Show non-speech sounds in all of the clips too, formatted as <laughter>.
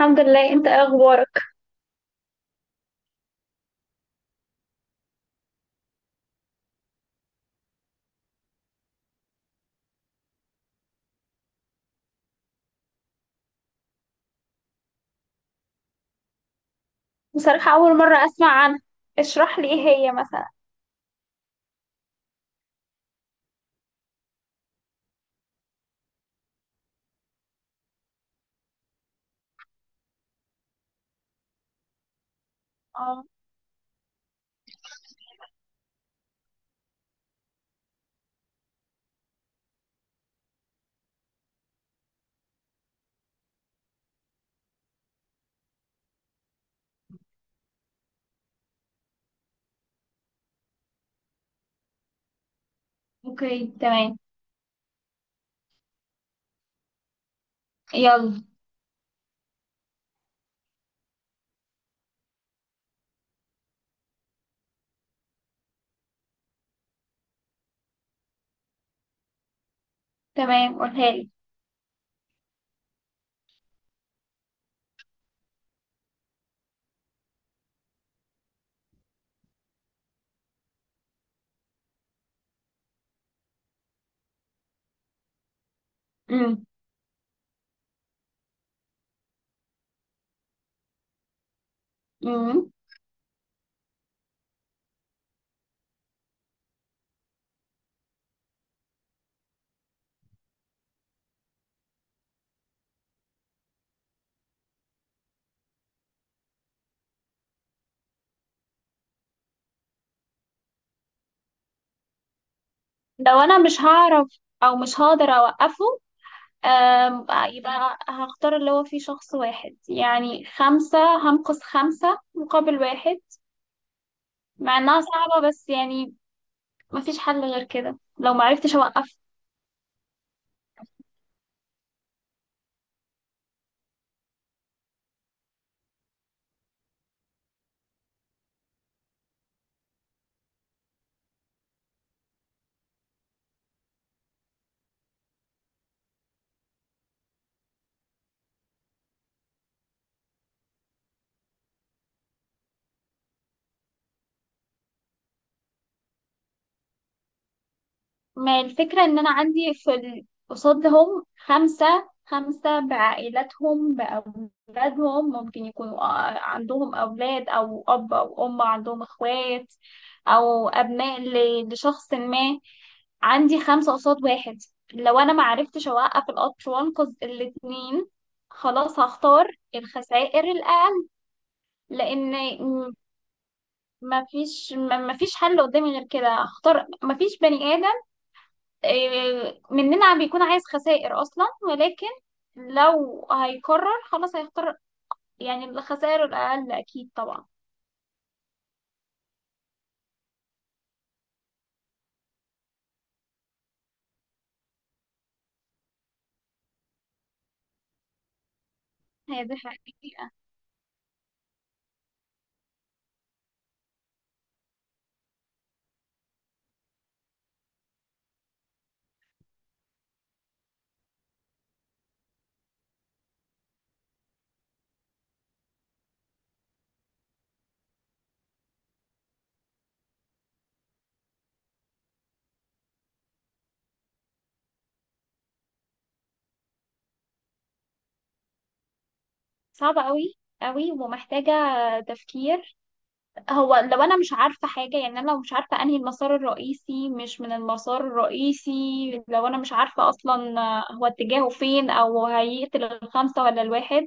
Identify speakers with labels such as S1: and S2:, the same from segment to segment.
S1: الحمد لله، انت ايه اخبارك؟ بصراحة، اول مرة اسمع عنها. اشرح لي، ايه هي مثلا؟ اه، اوكي، تمام. يلا. تمام، قولها لي. امم. امم. لو انا مش هعرف او مش هقدر اوقفه، آم، يبقى هختار اللي هو فيه شخص واحد، يعني خمسة. هنقص خمسة مقابل واحد. مع انها صعبة بس يعني مفيش حل غير كده لو معرفتش اوقفه. ما الفكرة ان انا عندي في قصادهم خمسة، خمسة بعائلاتهم بأولادهم، ممكن يكونوا عندهم أولاد أو أب أو أم، عندهم إخوات أو أبناء لشخص ما. عندي خمسة قصاد واحد. لو أنا ما عرفتش أوقف القطر وأنقذ الاتنين، خلاص هختار الخسائر الأقل. لأن ما فيش حل قدامي غير كده، هختار. ما فيش بني آدم، إيه، مننا بيكون عايز خسائر اصلا، ولكن لو هيقرر خلاص هيختار يعني الخسائر الاقل، اكيد طبعا. هي دي حقيقة. صعبة قوي، قوي ومحتاجة تفكير. هو لو انا مش عارفة حاجة، يعني انا لو مش عارفة انهي المسار الرئيسي مش من المسار الرئيسي، لو انا مش عارفة اصلا هو اتجاهه فين او هيقتل الخمسة ولا الواحد،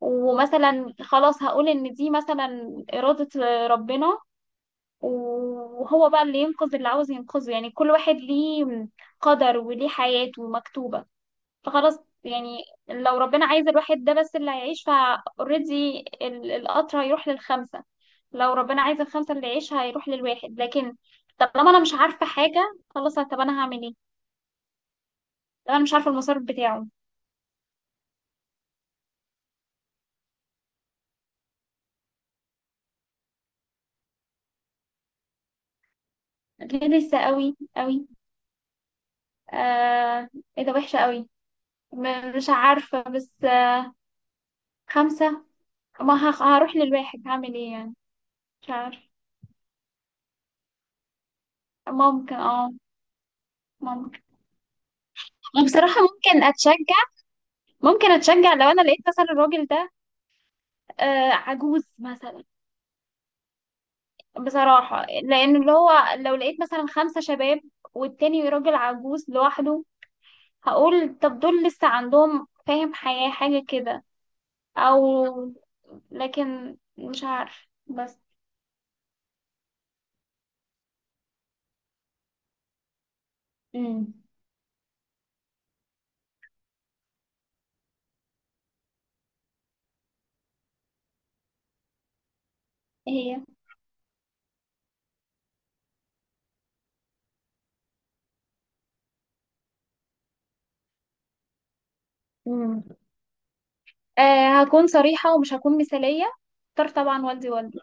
S1: ومثلا خلاص هقول ان دي مثلا إرادة ربنا، وهو بقى اللي ينقذ اللي عاوز ينقذه، يعني كل واحد ليه قدر وليه حياته مكتوبة. فخلاص يعني لو ربنا عايز الواحد ده بس اللي هيعيش فاوريدي القطر هيروح للخمسة، لو ربنا عايز الخمسة اللي يعيش هيروح للواحد. لكن طالما انا مش عارفة حاجة، خلاص، طب انا هعمل ايه؟ طب انا مش عارفة المسار بتاعه. لسه قوي قوي. آه، ايه ده، وحشة قوي. مش عارفة بس. خمسة. ما هخ- هروح للواحد هعمل ايه يعني. مش عارفة. ممكن اه ممكن. وبصراحة ممكن اتشجع لو انا لقيت مثلا الراجل ده عجوز مثلا. بصراحة لان اللي هو، لو لقيت مثلا خمسة شباب والتاني راجل عجوز لوحده، هقول طب دول لسه عندهم فاهم حياة حاجة كده. او لكن مش عارف بس. امم. هي، امم هكون صريحة ومش هكون مثالية. اختار طبعا والدي، والدي.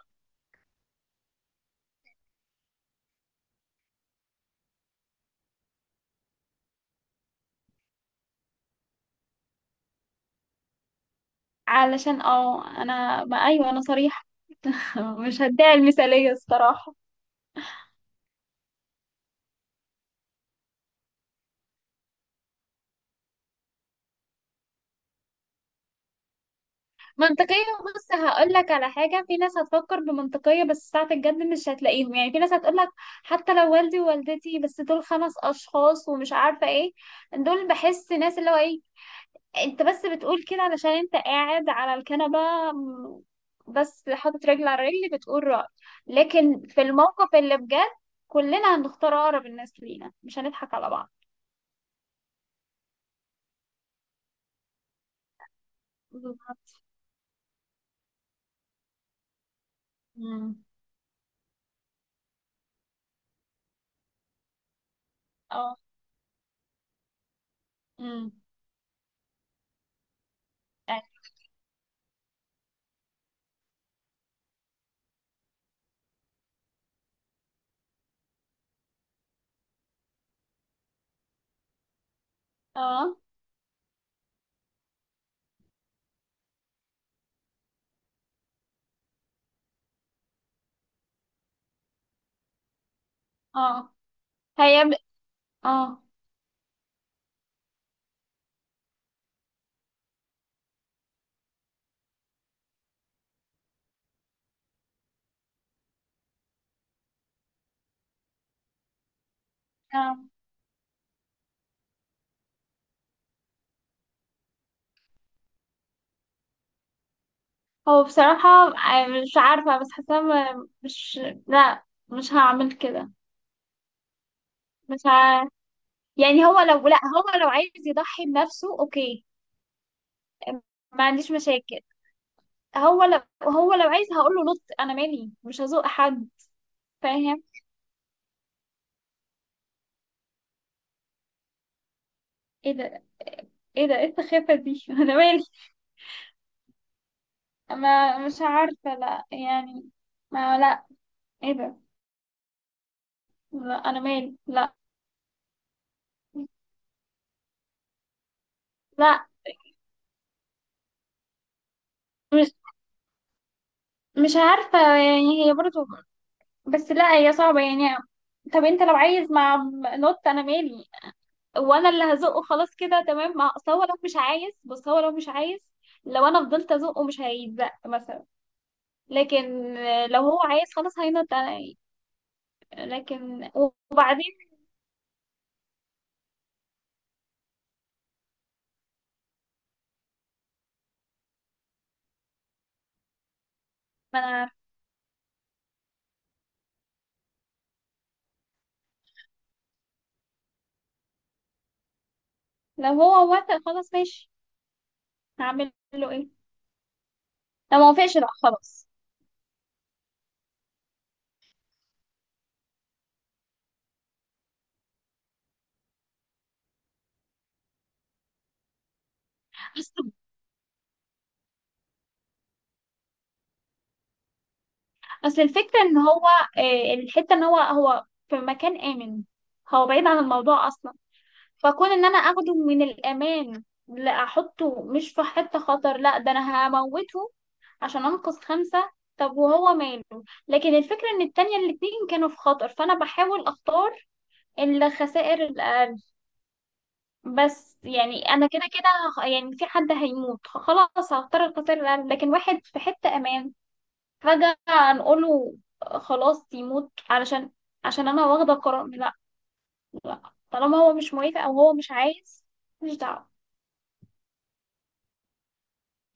S1: علشان انا ما، ايوه، انا صريحة. <laughs> مش هديها المثالية الصراحة. منطقية. بص، هقول لك على حاجة، في ناس هتفكر بمنطقية بس ساعة الجد مش هتلاقيهم. يعني في ناس هتقول لك حتى لو والدي ووالدتي بس دول خمس أشخاص ومش عارفة ايه، دول بحس ناس اللي هو ايه، انت بس بتقول كده علشان انت قاعد على الكنبة، م- بس حاطط رجل على رجل بتقول رأي. لكن في الموقف اللي بجد كلنا هنختار أقرب الناس لينا، مش هنضحك على بعض. امم. اه. امم. أيوة. اه اه. هي. اه. آه. هو بصراحة، مش عارفة بس حاسة، مش، لا، مش هعمل كده. مش. يعني هو لو، لا، هو لو عايز يضحي بنفسه اوكي، ما عنديش مشاكل. هو لو عايز هقول له نط، انا مالي، مش هزوق حد. فاهم. ايه ده. ايه ده، ايه السخافة دي <laughs> انا مالي. ما مش عارفة لا يعني، ما لا، ايه ده. لا انا مالي لا. لا. مش عارفة يعني هي برضو. بس لا، هي صعبة يعني. طب انت لو عايز مع. نوت انا مالي، وانا اللي هزقه خلاص كده تمام. ما اصل هو لو مش عايز، بص هو لو مش عايز لو انا فضلت ازقه مش هيتزق مثلا. لكن لو هو عايز خلاص هينط انا. لكن وبعدين. ما انا عارفة. لو هو وافق خلاص ماشي، هعمل له ايه. لو ما وافقش لا خلاص. اصل اصل الفكرة ان هو، الحتة ان هو في مكان آمن، هو بعيد عن الموضوع اصلا. فكون ان انا اخده من الامان لا احطه، مش في حتة خطر، لا ده انا هموته عشان انقذ خمسة. طب وهو ماله. لكن الفكرة ان التانية الاتنين كانوا في خطر فانا بحاول اختار الخسائر الاقل. بس يعني انا كده كده يعني في حد هيموت خلاص هختار الخسائر الاقل. لكن واحد في حتة امان فجأة نقوله خلاص يموت، عشان انا واخدة قرار، لا. طالما هو مش موافق او هو مش عايز، مش دعوة.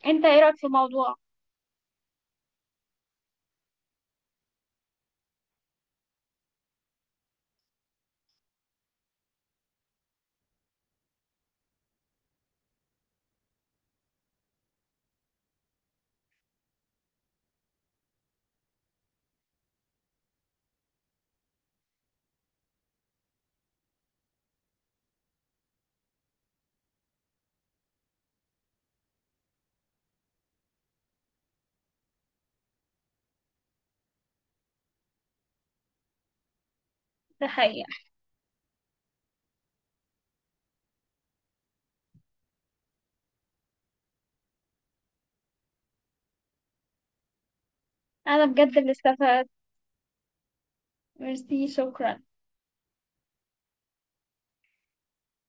S1: انت ايه رأيك في الموضوع؟ ده حقيقة. أنا بجد اللي استفدت. ميرسي، شكرا.